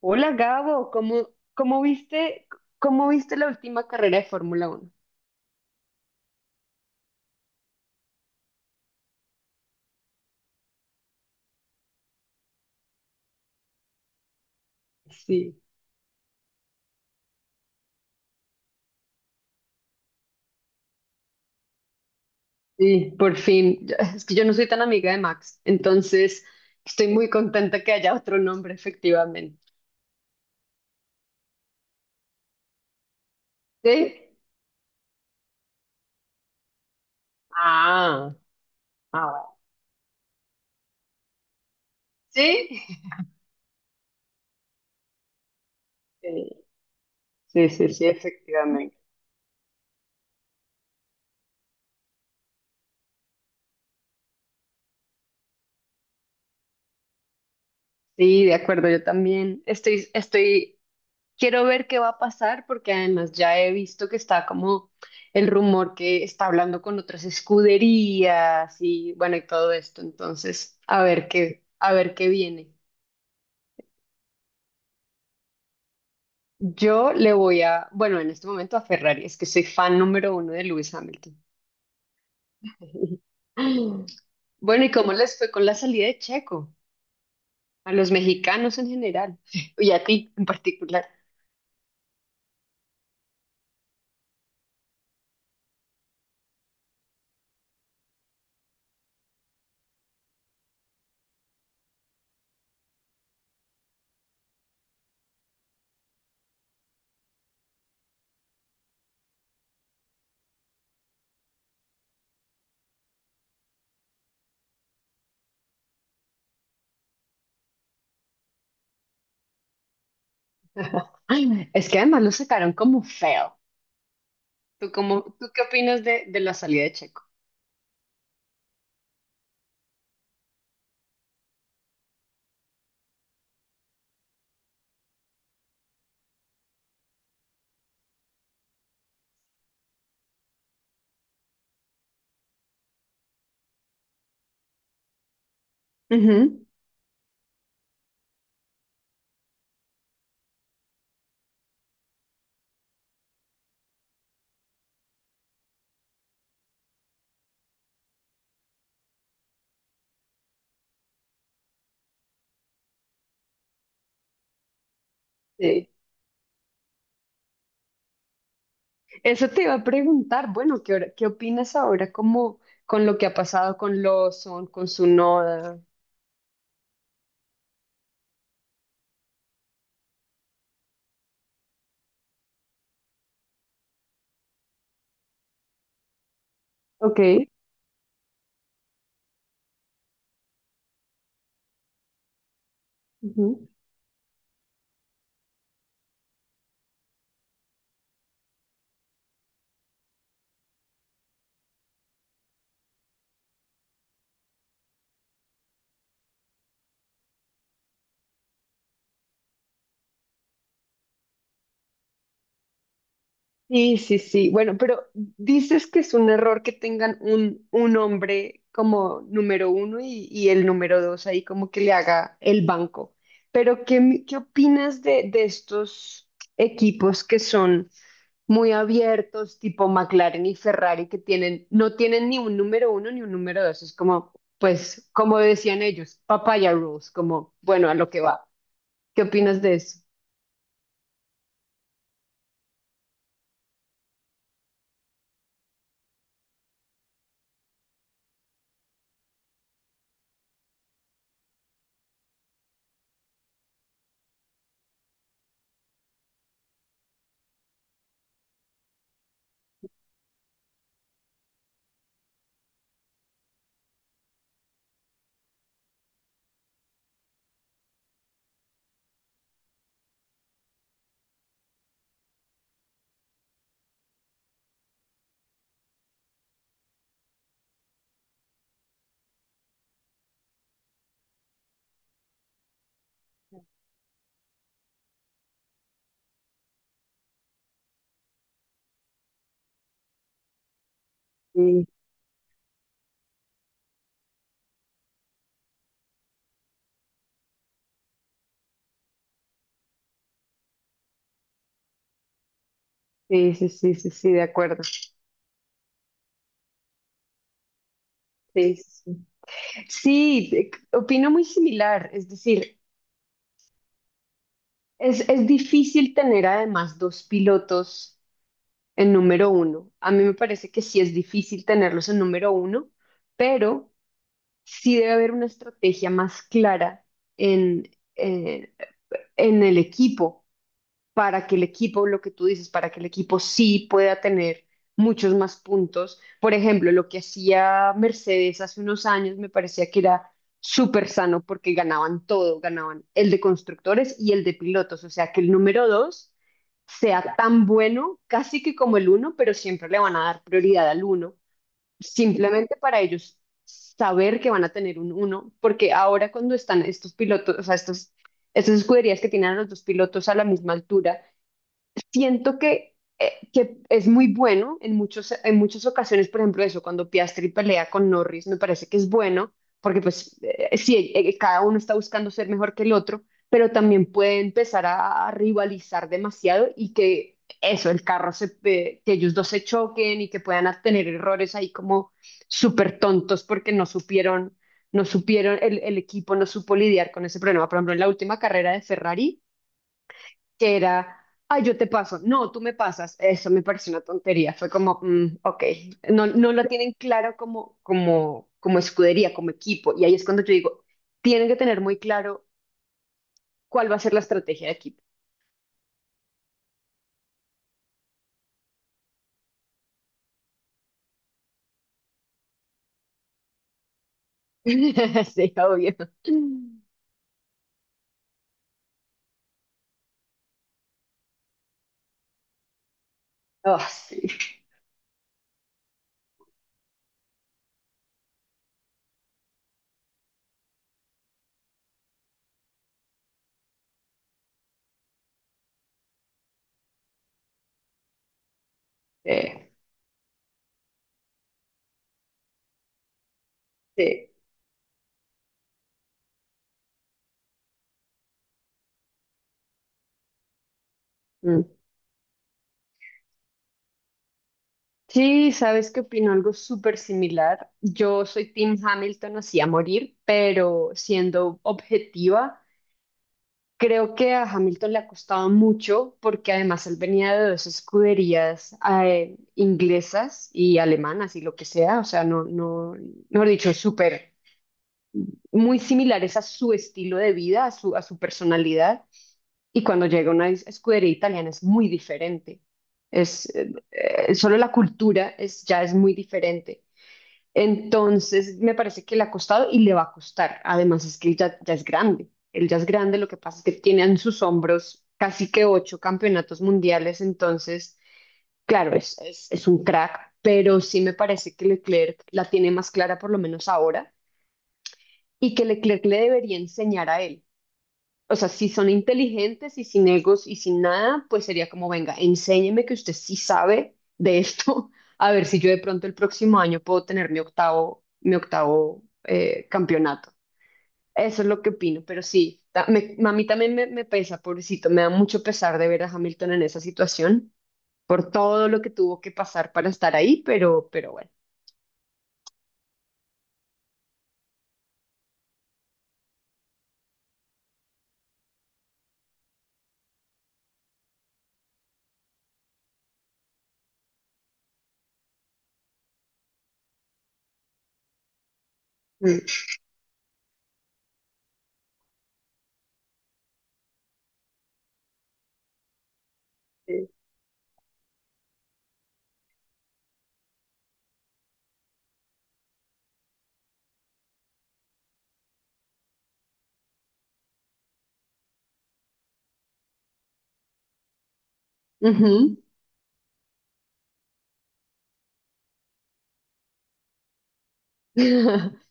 Hola Gabo, cómo viste, ¿cómo viste la última carrera de Fórmula Uno? Sí, sí, por fin. Es que yo no soy tan amiga de Max, entonces estoy muy contenta que haya otro nombre, efectivamente. ¿Sí? Ah, ah, bueno. ¿Sí? Sí, sí, sí, sí, efectivamente. Sí, de acuerdo, yo también estoy. Quiero ver qué va a pasar porque además ya he visto que está como el rumor que está hablando con otras escuderías y bueno, y todo esto. Entonces, a ver qué viene. Yo le voy a, bueno, en este momento a Ferrari, es que soy fan número uno de Lewis Hamilton. Bueno, ¿y cómo les fue con la salida de Checo? A los mexicanos en general y a ti en particular. Es que además lo sacaron como feo. ¿Tú qué opinas de la salida de Checo? Ujú. Sí. Eso te iba a preguntar, bueno, ¿qué opinas ahora como con lo que ha pasado con Lawson, con su noda. Ok. Ujú. Sí, sí, sí. Bueno, pero dices que es un error que tengan un hombre como número uno y el número dos ahí como que le haga el banco. Pero ¿qué opinas de estos equipos que son muy abiertos, tipo McLaren y Ferrari, que no tienen ni un número uno ni un número dos? Es como, pues, como decían ellos, papaya rules, como, bueno, a lo que va. ¿Qué opinas de eso? Sí, sí, sí, sí, sí, sí, de acuerdo. Sí, sí, sí, sí, opino muy similar. Es decir, es difícil tener además dos pilotos en número uno. A mí me parece que sí es difícil tenerlos en número uno, pero sí debe haber una estrategia más clara en, eh, en el equipo para que el equipo, lo que tú dices, para que el equipo sí pueda tener muchos más puntos. Por ejemplo, lo que hacía Mercedes hace unos años me parecía que era súper sano porque ganaban todo, ganaban el de constructores y el de pilotos, o sea que el número dos sea tan bueno, casi que como el uno, pero siempre le van a dar prioridad al uno simplemente para ellos saber que van a tener un uno, porque ahora cuando están estos pilotos, o sea, estas escuderías que tienen a los dos pilotos a la misma altura, siento que es muy bueno en en muchas ocasiones, por ejemplo, eso, cuando Piastri pelea con Norris, me parece que es bueno, porque pues sí, cada uno está buscando ser mejor que el otro, pero también puede empezar a rivalizar demasiado y que eso, que ellos dos se choquen y que puedan tener errores ahí como súper tontos porque no supieron, el equipo no supo lidiar con ese problema. Por ejemplo, en la última carrera de Ferrari que era, ay, yo te paso, no, tú me pasas. Eso me pareció una tontería. Fue como, ok, no lo tienen claro como escudería, como equipo. Y ahí es cuando yo digo, tienen que tener muy claro cuál va a ser la estrategia de equipo. Sí, obvio. Oh, sí. Eh, sí. Mm. Sí, ¿sabes que opino? Algo súper similar. Yo soy Team Hamilton, así a morir, pero siendo objetiva. Creo que a Hamilton le ha costado mucho porque además él venía de dos escuderías inglesas y alemanas y lo que sea, o sea, no, no, mejor dicho, muy similares a su estilo de vida, a su personalidad. Y cuando llega a una escudería italiana es muy diferente. Solo la cultura ya es muy diferente. Entonces, me parece que le ha costado y le va a costar. Además, es que él ya es grande. Él ya es grande, lo que pasa es que tiene en sus hombros casi que ocho campeonatos mundiales. Entonces, claro, es un crack, pero sí me parece que Leclerc la tiene más clara, por lo menos ahora, y que Leclerc le debería enseñar a él. O sea, si son inteligentes y sin egos y sin nada, pues sería como, venga, enséñeme que usted sí sabe de esto, a ver si yo de pronto el próximo año puedo tener mi octavo, campeonato. Eso es lo que opino, pero sí, a mí también me pesa, pobrecito, me da mucho pesar de ver a Hamilton en esa situación, por todo lo que tuvo que pasar para estar ahí, pero, bueno. Mm. Sí. Ujú.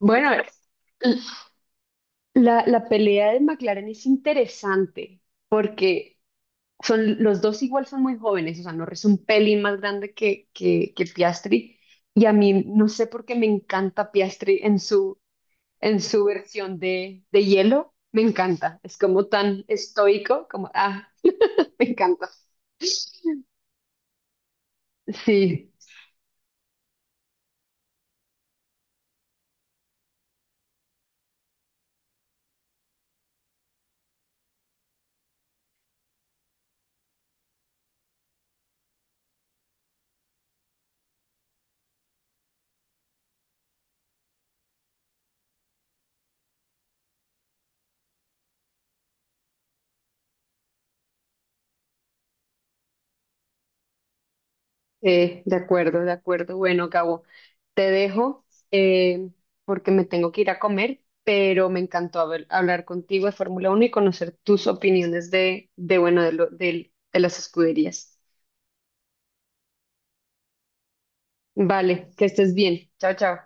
Bueno, la pelea de McLaren es interesante porque los dos igual son muy jóvenes, o sea, Norris es un pelín más grande que Piastri, y a mí no sé por qué me encanta Piastri en su versión de hielo, me encanta, es como tan estoico, como, ah, me encanta. Sí. De acuerdo, de acuerdo. Bueno, Gabo, te dejo eh, porque me tengo que ir a comer, pero me encantó hablar contigo de Fórmula uno y conocer tus opiniones de bueno, de las escuderías. Vale, que estés bien. Chao, chao.